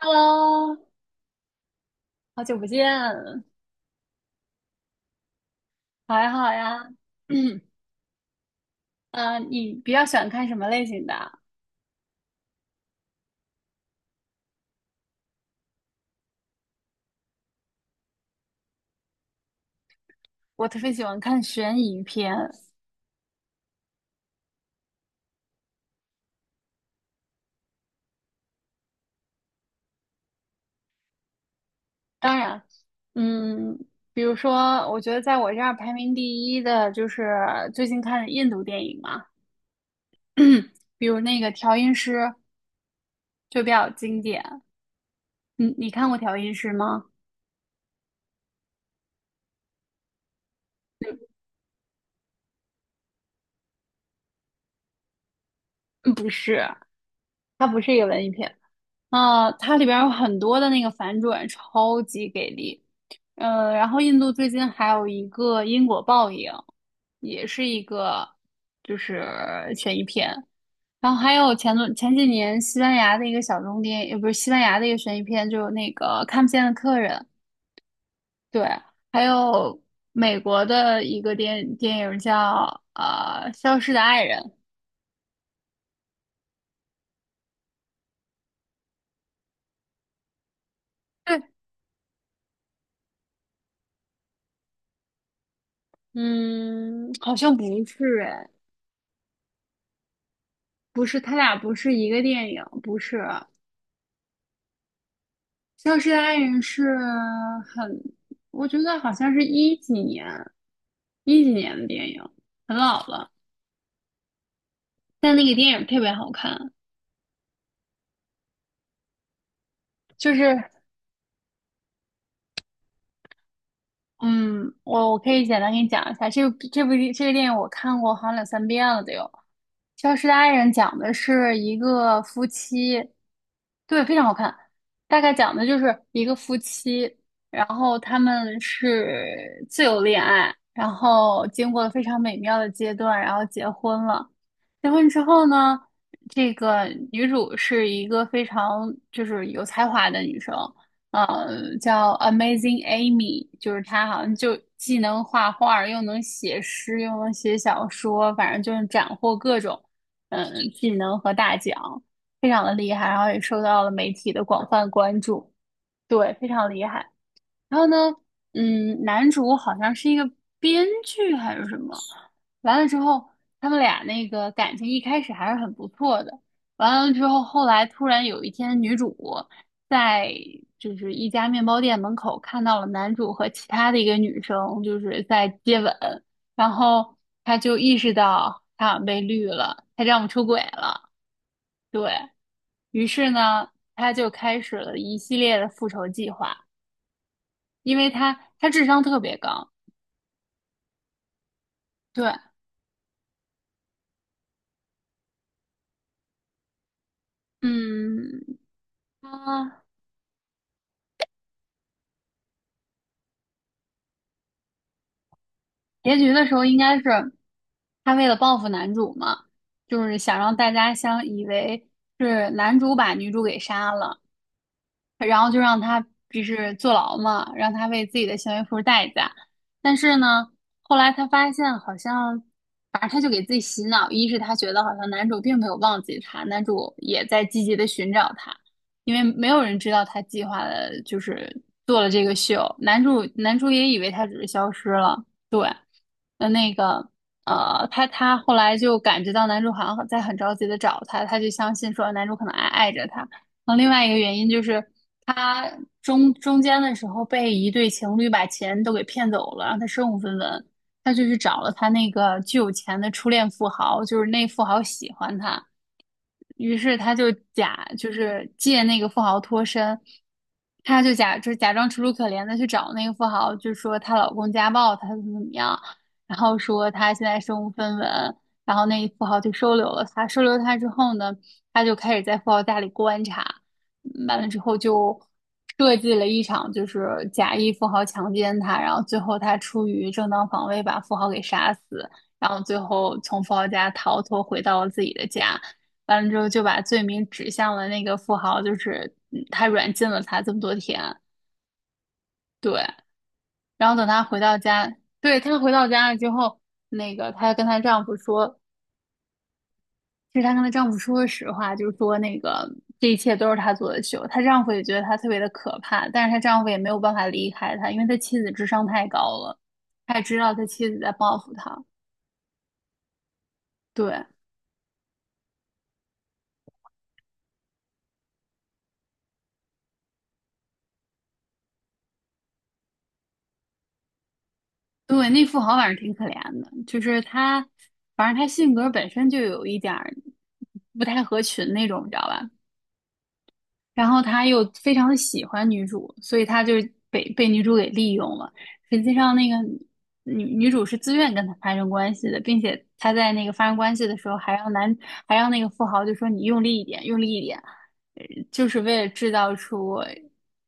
Hello，好久不见，还好呀。嗯，你比较喜欢看什么类型的啊？我特别喜欢看悬疑片。当然，嗯，比如说，我觉得在我这儿排名第一的就是最近看的印度电影嘛，比如那个《调音师》就比较经典。你看过《调音师》吗？嗯，不是，它不是一个文艺片。啊，它里边有很多的那个反转，超级给力。然后印度最近还有一个因果报应，也是一个就是悬疑片。然后还有前几年西班牙的一个小众电影，也不是，西班牙的一个悬疑片，就是那个看不见的客人。对，还有美国的一个电影叫《消失的爱人》。对，嗯，好像不是哎，不是，他俩不是一个电影，不是。消失的爱人是很，我觉得好像是一几年，一几年的电影，很老了，但那个电影特别好看。就是，嗯，我可以简单给你讲一下，这部这个电影我看过好像两三遍了都有。《消失的爱人》讲的是一个夫妻，对，非常好看。大概讲的就是一个夫妻，然后他们是自由恋爱，然后经过了非常美妙的阶段，然后结婚了。结婚之后呢，这个女主是一个非常就是有才华的女生，叫 Amazing Amy，就是她好像就既能画画儿，又能写诗，又能写小说，反正就是斩获各种。嗯，技能和大奖，非常的厉害，然后也受到了媒体的广泛关注，对，非常厉害。然后呢，嗯，男主好像是一个编剧还是什么，完了之后，他们俩那个感情一开始还是很不错的，完了之后，后来突然有一天，女主在就是一家面包店门口看到了男主和其他的一个女生就是在接吻，然后她就意识到她好像被绿了，她丈夫出轨了，对，于是呢，她就开始了一系列的复仇计划。因为他智商特别高。对，嗯，他结局的时候应该是他为了报复男主嘛，就是想让大家相以为是男主把女主给杀了，然后就让他就是坐牢嘛，让他为自己的行为付出代价。但是呢，后来他发现好像，反正他就给自己洗脑，一是他觉得好像男主并没有忘记他，男主也在积极的寻找他，因为没有人知道他计划的就是做了这个秀，男主也以为他只是消失了，对，呃，那个。他后来就感觉到男主好像在很着急的找他，他就相信说男主可能还爱着他，然后另外一个原因就是他中间的时候被一对情侣把钱都给骗走了，让他身无分文。他就去找了他那个巨有钱的初恋富豪，就是那富豪喜欢他，于是他就假，就是借那个富豪脱身，他就假，就假装楚楚可怜的去找那个富豪，就说她老公家暴她怎么怎么样，然后说她现在身无分文，然后那富豪就收留了她，收留她之后呢？他就开始在富豪家里观察，嗯，完了之后就设计了一场就是假意富豪强奸他，然后最后他出于正当防卫把富豪给杀死，然后最后从富豪家逃脱回到了自己的家，完了之后就把罪名指向了那个富豪，就是嗯他软禁了他这么多天，对，然后等他回到家，对，她回到家了之后，那个她跟她丈夫说，其实她跟她丈夫说实话，就是说那个这一切都是她做的秀。她丈夫也觉得她特别的可怕，但是她丈夫也没有办法离开她，因为他妻子智商太高了，他也知道他妻子在报复他。对对，那富豪反正挺可怜的，就是他，反正他性格本身就有一点儿不太合群那种，你知道吧？然后他又非常的喜欢女主，所以他就被女主给利用了。实际上，那个女主是自愿跟他发生关系的，并且他在那个发生关系的时候，还让男还让那个富豪就说你用力一点，用力一点，呃就是为了制造出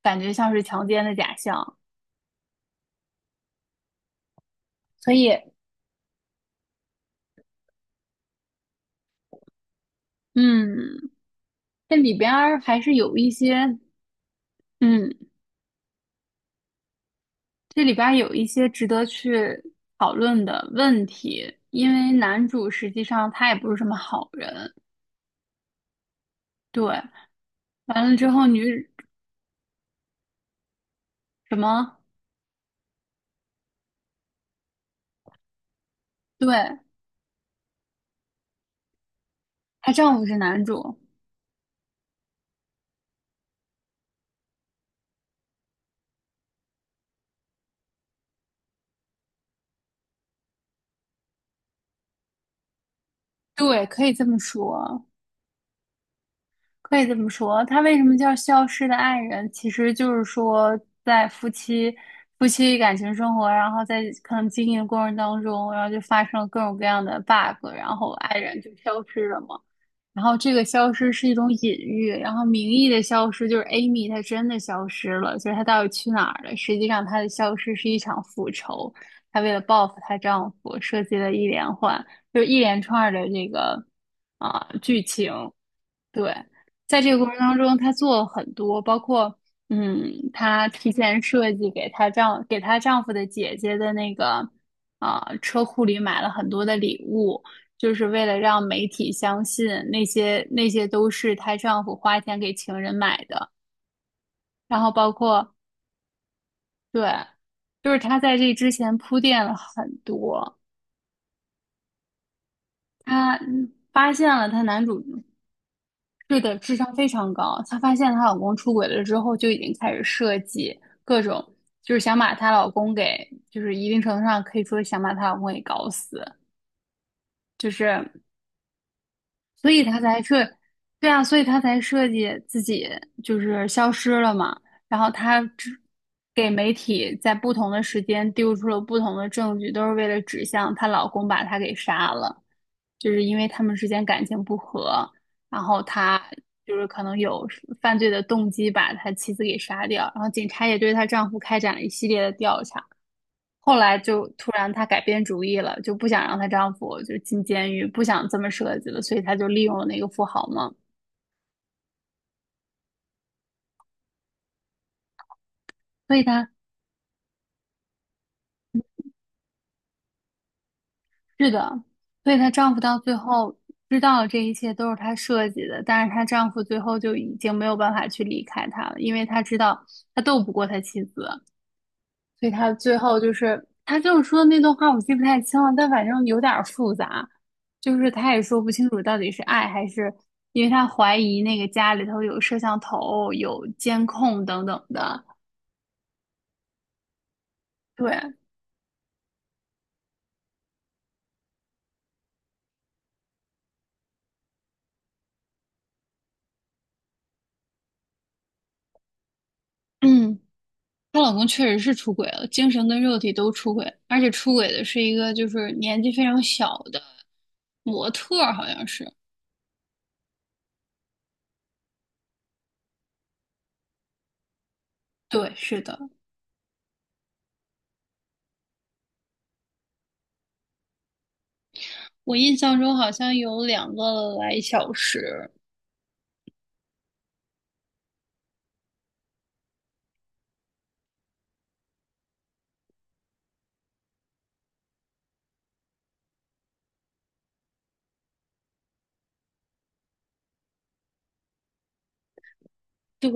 感觉像是强奸的假象。所以，嗯，这里边儿还是有一些嗯这里边儿有一些值得去讨论的问题，因为男主实际上他也不是什么好人，对，完了之后女什么，对，她丈夫是男主，对，可以这么说，可以这么说。他为什么叫消失的爱人？其实就是说在夫妻感情生活，然后在可能经营的过程当中，然后就发生了各种各样的 bug，然后爱人就消失了嘛。然后这个消失是一种隐喻，然后名义的消失就是 Amy 她真的消失了，就是她到底去哪儿了？实际上她的消失是一场复仇，她为了报复她丈夫设计了一连环，就是一连串的这个啊、剧情，对，在这个过程当中，她做了很多，包括嗯，她提前设计给给她丈夫的姐姐的那个啊、车库里买了很多的礼物，就是为了让媒体相信那些都是她丈夫花钱给情人买的，然后包括对，就是她在这之前铺垫了很多，她发现了她男主是的，智商非常高。她发现她老公出轨了之后，就已经开始设计各种，就是想把她老公给，就是一定程度上可以说想把她老公给搞死。就是所以他才设，对啊，所以他才设计自己就是消失了嘛。然后他只给媒体在不同的时间丢出了不同的证据，都是为了指向她老公把她给杀了，就是因为他们之间感情不和，然后他就是可能有犯罪的动机把他妻子给杀掉，然后警察也对她丈夫开展了一系列的调查。后来就突然她改变主意了，就不想让她丈夫就进监狱，不想这么设计了，所以她就利用了那个富豪嘛。所以她是的，所以她丈夫到最后知道这一切都是她设计的，但是她丈夫最后就已经没有办法去离开她了，因为她知道他斗不过他妻子，所以他最后就是他就是说的那段话，我记不太清了，但反正有点儿复杂，就是他也说不清楚到底是爱还是，因为他怀疑那个家里头有摄像头、有监控等等的。对，嗯，她老公确实是出轨了，精神跟肉体都出轨，而且出轨的是一个就是年纪非常小的模特儿，好像是。对，是的，我印象中好像有两个来小时。对，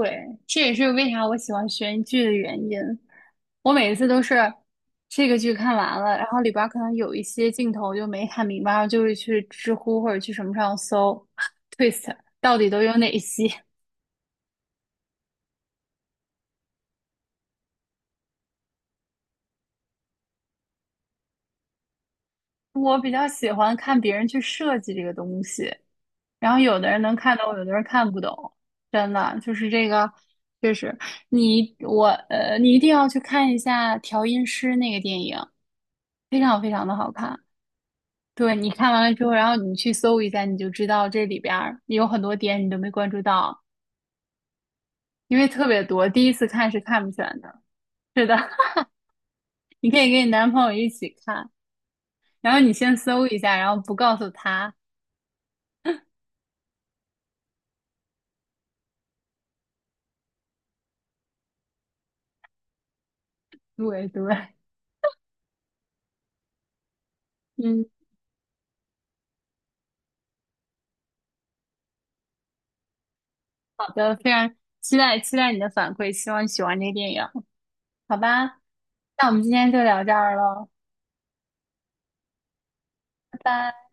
这也是为啥我喜欢悬疑剧的原因。我每一次都是这个剧看完了，然后里边儿可能有一些镜头就没看明白，然后就会去知乎或者去什么上搜 twist 到底都有哪些。我比较喜欢看别人去设计这个东西，然后有的人能看懂，有的人看不懂。真的就是这个，确实，你一定要去看一下调音师那个电影，非常非常的好看。对，你看完了之后，然后你去搜一下，你就知道这里边儿有很多点你都没关注到，因为特别多，第一次看是看不全的。是的，你可以跟你男朋友一起看，然后你先搜一下，然后不告诉他。对对，嗯，好的，非常期待你的反馈，希望你喜欢这个电影，好吧？那我们今天就聊这儿了，拜拜。